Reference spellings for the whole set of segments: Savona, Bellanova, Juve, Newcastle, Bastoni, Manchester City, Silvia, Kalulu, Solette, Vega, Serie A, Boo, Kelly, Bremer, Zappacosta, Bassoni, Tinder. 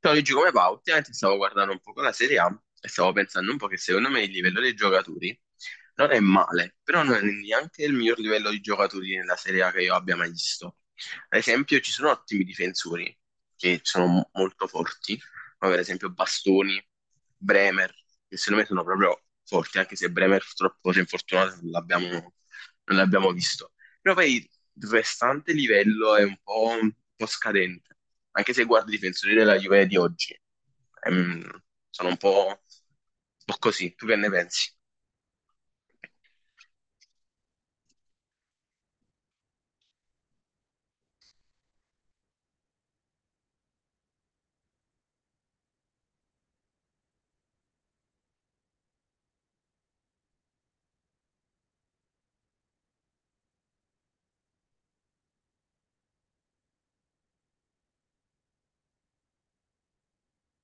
Ciao Luigi, come va? Ultimamente stavo guardando un po' la Serie A e stavo pensando un po' che secondo me il livello dei giocatori non è male, però non è neanche il miglior livello di giocatori nella Serie A che io abbia mai visto. Ad esempio ci sono ottimi difensori che sono molto forti, come ad esempio Bastoni, Bremer, che secondo me sono proprio forti, anche se Bremer purtroppo si è infortunato, non l'abbiamo visto. Poi il restante livello è un po' scadente, anche se guardo i difensori della Juve di oggi, ehm, sono un po' così, tu che ne pensi?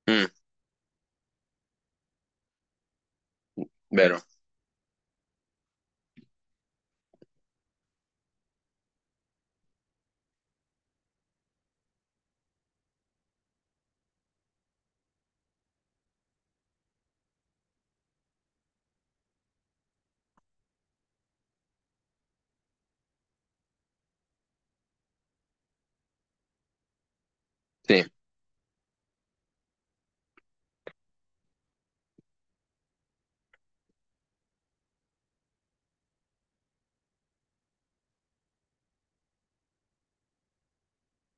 Mm, vero, sì.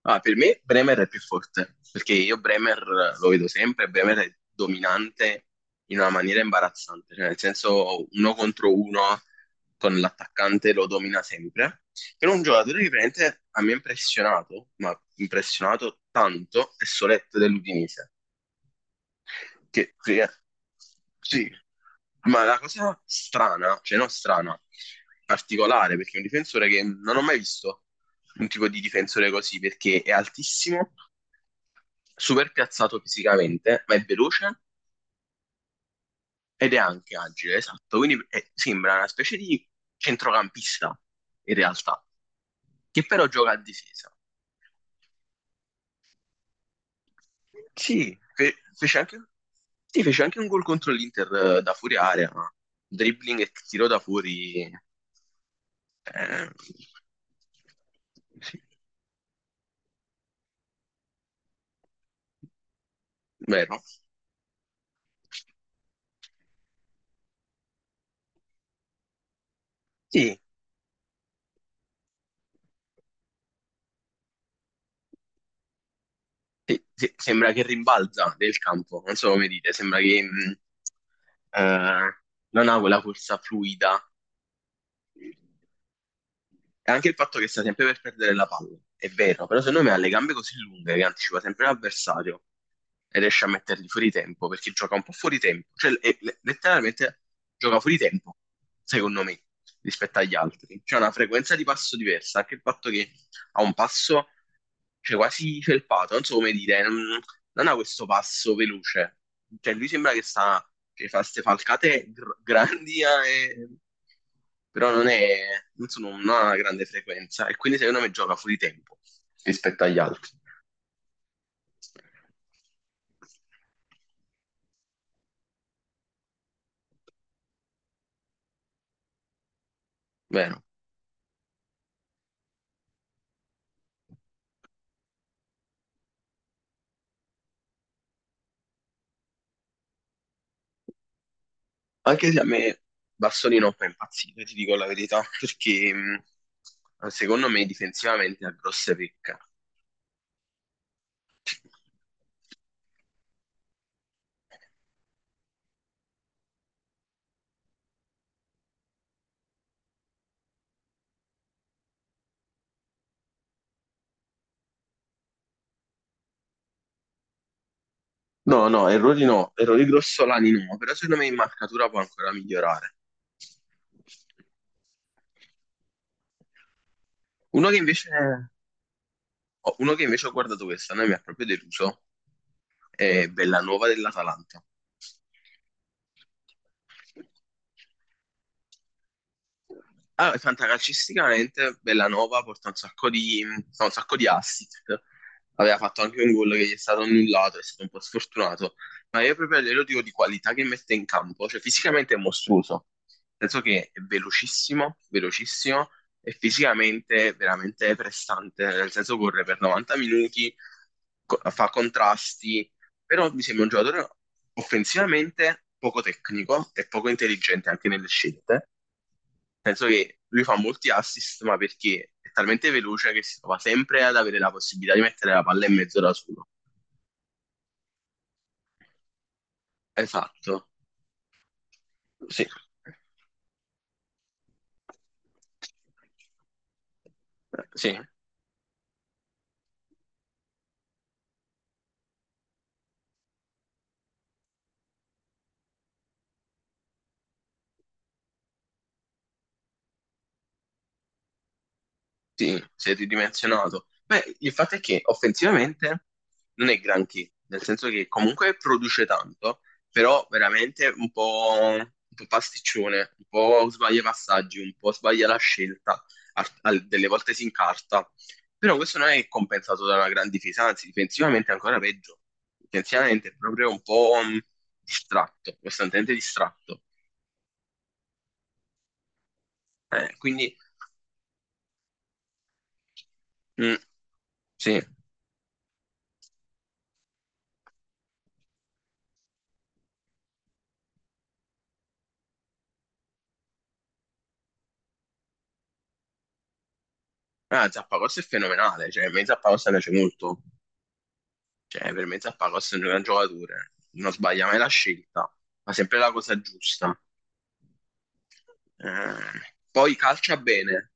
Ah, per me Bremer è più forte, perché io Bremer lo vedo sempre, Bremer è dominante in una maniera imbarazzante, cioè nel senso uno contro uno con l'attaccante lo domina sempre. Però un giocatore che veramente a me ha impressionato, ma impressionato tanto, è Solette dell'Udinese che, che- sì, ma la cosa strana, cioè non strana, particolare, perché è un difensore che non ho mai visto un tipo di difensore così, perché è altissimo, super piazzato fisicamente, ma è veloce ed è anche agile, esatto, quindi è sembra una specie di centrocampista in realtà, che però gioca a difesa. Sì, fece anche un gol contro l'Inter, da fuori area, ma dribbling e tiro da fuori, eh, sì, vero? Sì, sì, sì, sembra che rimbalza del campo, non so come dite, sembra che eh, non ha quella corsa fluida. E anche il fatto che sta sempre per perdere la palla, è vero, però secondo me ha le gambe così lunghe che anticipa sempre l'avversario e riesce a metterli fuori tempo, perché gioca un po' fuori tempo, cioè letteralmente gioca fuori tempo, secondo me, rispetto agli altri. C'è una frequenza di passo diversa, anche il fatto che ha un passo, cioè quasi felpato, non so come dire, non, non ha questo passo veloce. Cioè lui sembra che sta, che fa queste falcate grandi, però non è, non ha una grande frequenza e quindi secondo me gioca fuori tempo rispetto agli altri. Vero. Anche se a me Bassoni non fa impazzire, ti dico la verità, perché secondo me difensivamente ha grosse pecche. No, no, errori no, errori grossolani no, però secondo me in marcatura può ancora migliorare. Uno che invece, oh, uno che invece ho guardato quest'anno e mi ha proprio deluso è Bellanova dell'Atalanta. Ah, fantacalcisticamente Bellanova porta un sacco di, fa un sacco di assist. Aveva fatto anche un gol che gli è stato annullato, è stato un po' sfortunato. Ma io proprio glielo dico di qualità che mette in campo. Cioè, fisicamente è mostruoso. Nel senso che è velocissimo, velocissimo e fisicamente veramente prestante. Nel senso corre per 90 minuti, fa contrasti, però mi sembra un giocatore offensivamente poco tecnico e poco intelligente anche nelle scelte. Nel senso che lui fa molti assist, ma perché è talmente veloce che si trova sempre ad avere la possibilità di mettere la palla in mezzo da solo. Esatto, sì, sì. Sì, si è ridimensionato. Beh, il fatto è che offensivamente non è granché, nel senso che comunque produce tanto, però veramente un po' pasticcione, un po' sbaglia i passaggi, un po' sbaglia la scelta, delle volte si incarta. Però questo non è compensato da una gran difesa, anzi, difensivamente è ancora peggio. Difensivamente è proprio un po' distratto, costantemente distratto. Eh, quindi, mh, sì. Ah, Zappacosta è fenomenale, cioè a me Zappacosta piace molto, cioè per me Zappacosta è un gran giocatore, non sbaglia mai la scelta, fa sempre la cosa giusta. Poi calcia bene.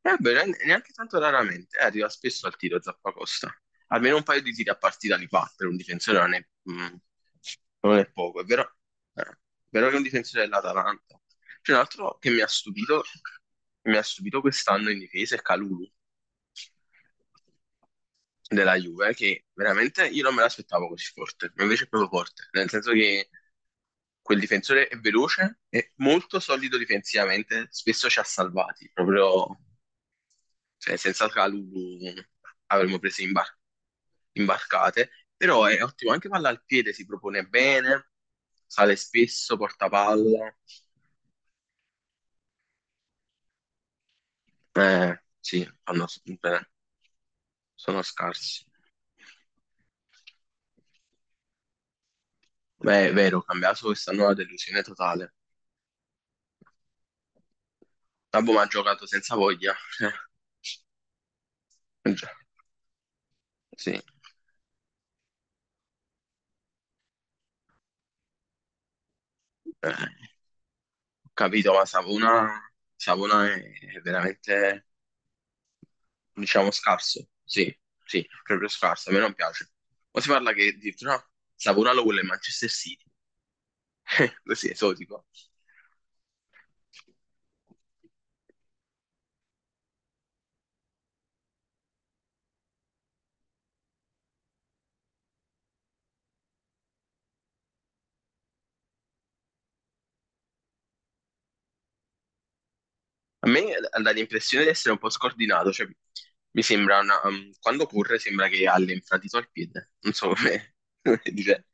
Vabbè, neanche tanto raramente, arriva spesso al tiro Zappacosta. Almeno un paio di tiri a partita li fa per un difensore, mm, non è poco. È vero che è un difensore dell'Atalanta. C'è un altro che mi ha stupito, che mi ha stupito quest'anno in difesa, è Kalulu della Juve, che veramente io non me l'aspettavo così forte, ma invece è proprio forte, nel senso che quel difensore è veloce, è molto solido difensivamente, spesso ci ha salvati, proprio, cioè senza Calulu avremmo preso imbarcate, però è ottimo anche palla al piede, si propone bene, sale spesso, porta palla, bene, sono scarsi. Beh, è vero, cambiato quest'anno è una delusione totale. Tabo mi ha giocato senza voglia, già, sì. Ho capito, ma Savona, Savona è veramente diciamo scarso, sì, sì, proprio scarso, a me non piace. Poi si parla che addirittura no, Savonalo vuole il Manchester City, così esotico. A me dà l'impressione di essere un po' scordinato, cioè mi sembra una- um, quando corre sembra che ha l'infradito al piede, non so come come dire,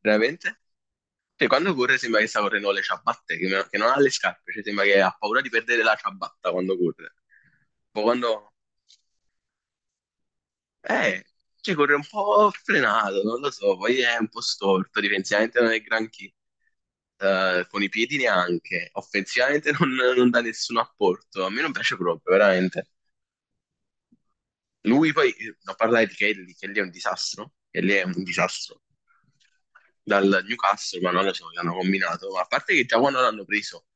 veramente? Cioè, quando corre sembra che sta correndo con le ciabatte, che non ha le scarpe, cioè sembra che ha paura di perdere la ciabatta quando corre. Poi quando... eh, cioè corre un po' frenato, non lo so, poi è un po' storto, difensivamente non è granché, con i piedi neanche, offensivamente non, non dà nessun apporto, a me non piace proprio, veramente. Lui poi, non parlare di Kelly, Kelly è un disastro, Kelly è un disastro. Dal Newcastle, ma non lo so che hanno combinato, ma a parte che già quando l'hanno preso,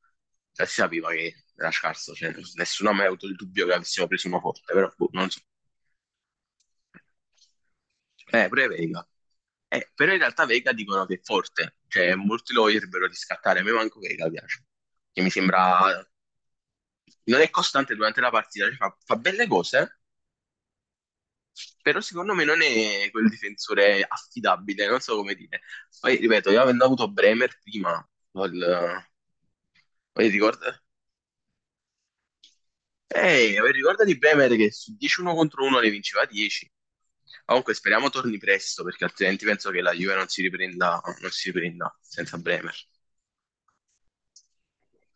già si sapeva che era scarso, cioè, nessuno ha mai avuto il dubbio che avessimo preso uno forte, però boh, non so. Pure Vega. Però in realtà Vega dicono che è forte, cioè molti lo vorrebbero riscattare, a me manco Vega piace, che mi sembra... non è costante durante la partita, cioè, fa, fa belle cose, eh. Però secondo me non è quel difensore affidabile, non so come dire. Poi, ripeto, io avendo avuto Bremer prima, vol- poi ricorda... eh, ricorda di Bremer che su 10-1 contro 1 ne vinceva 10. Comunque speriamo torni presto, perché altrimenti penso che la Juve non si riprenda, non si riprenda senza Bremer.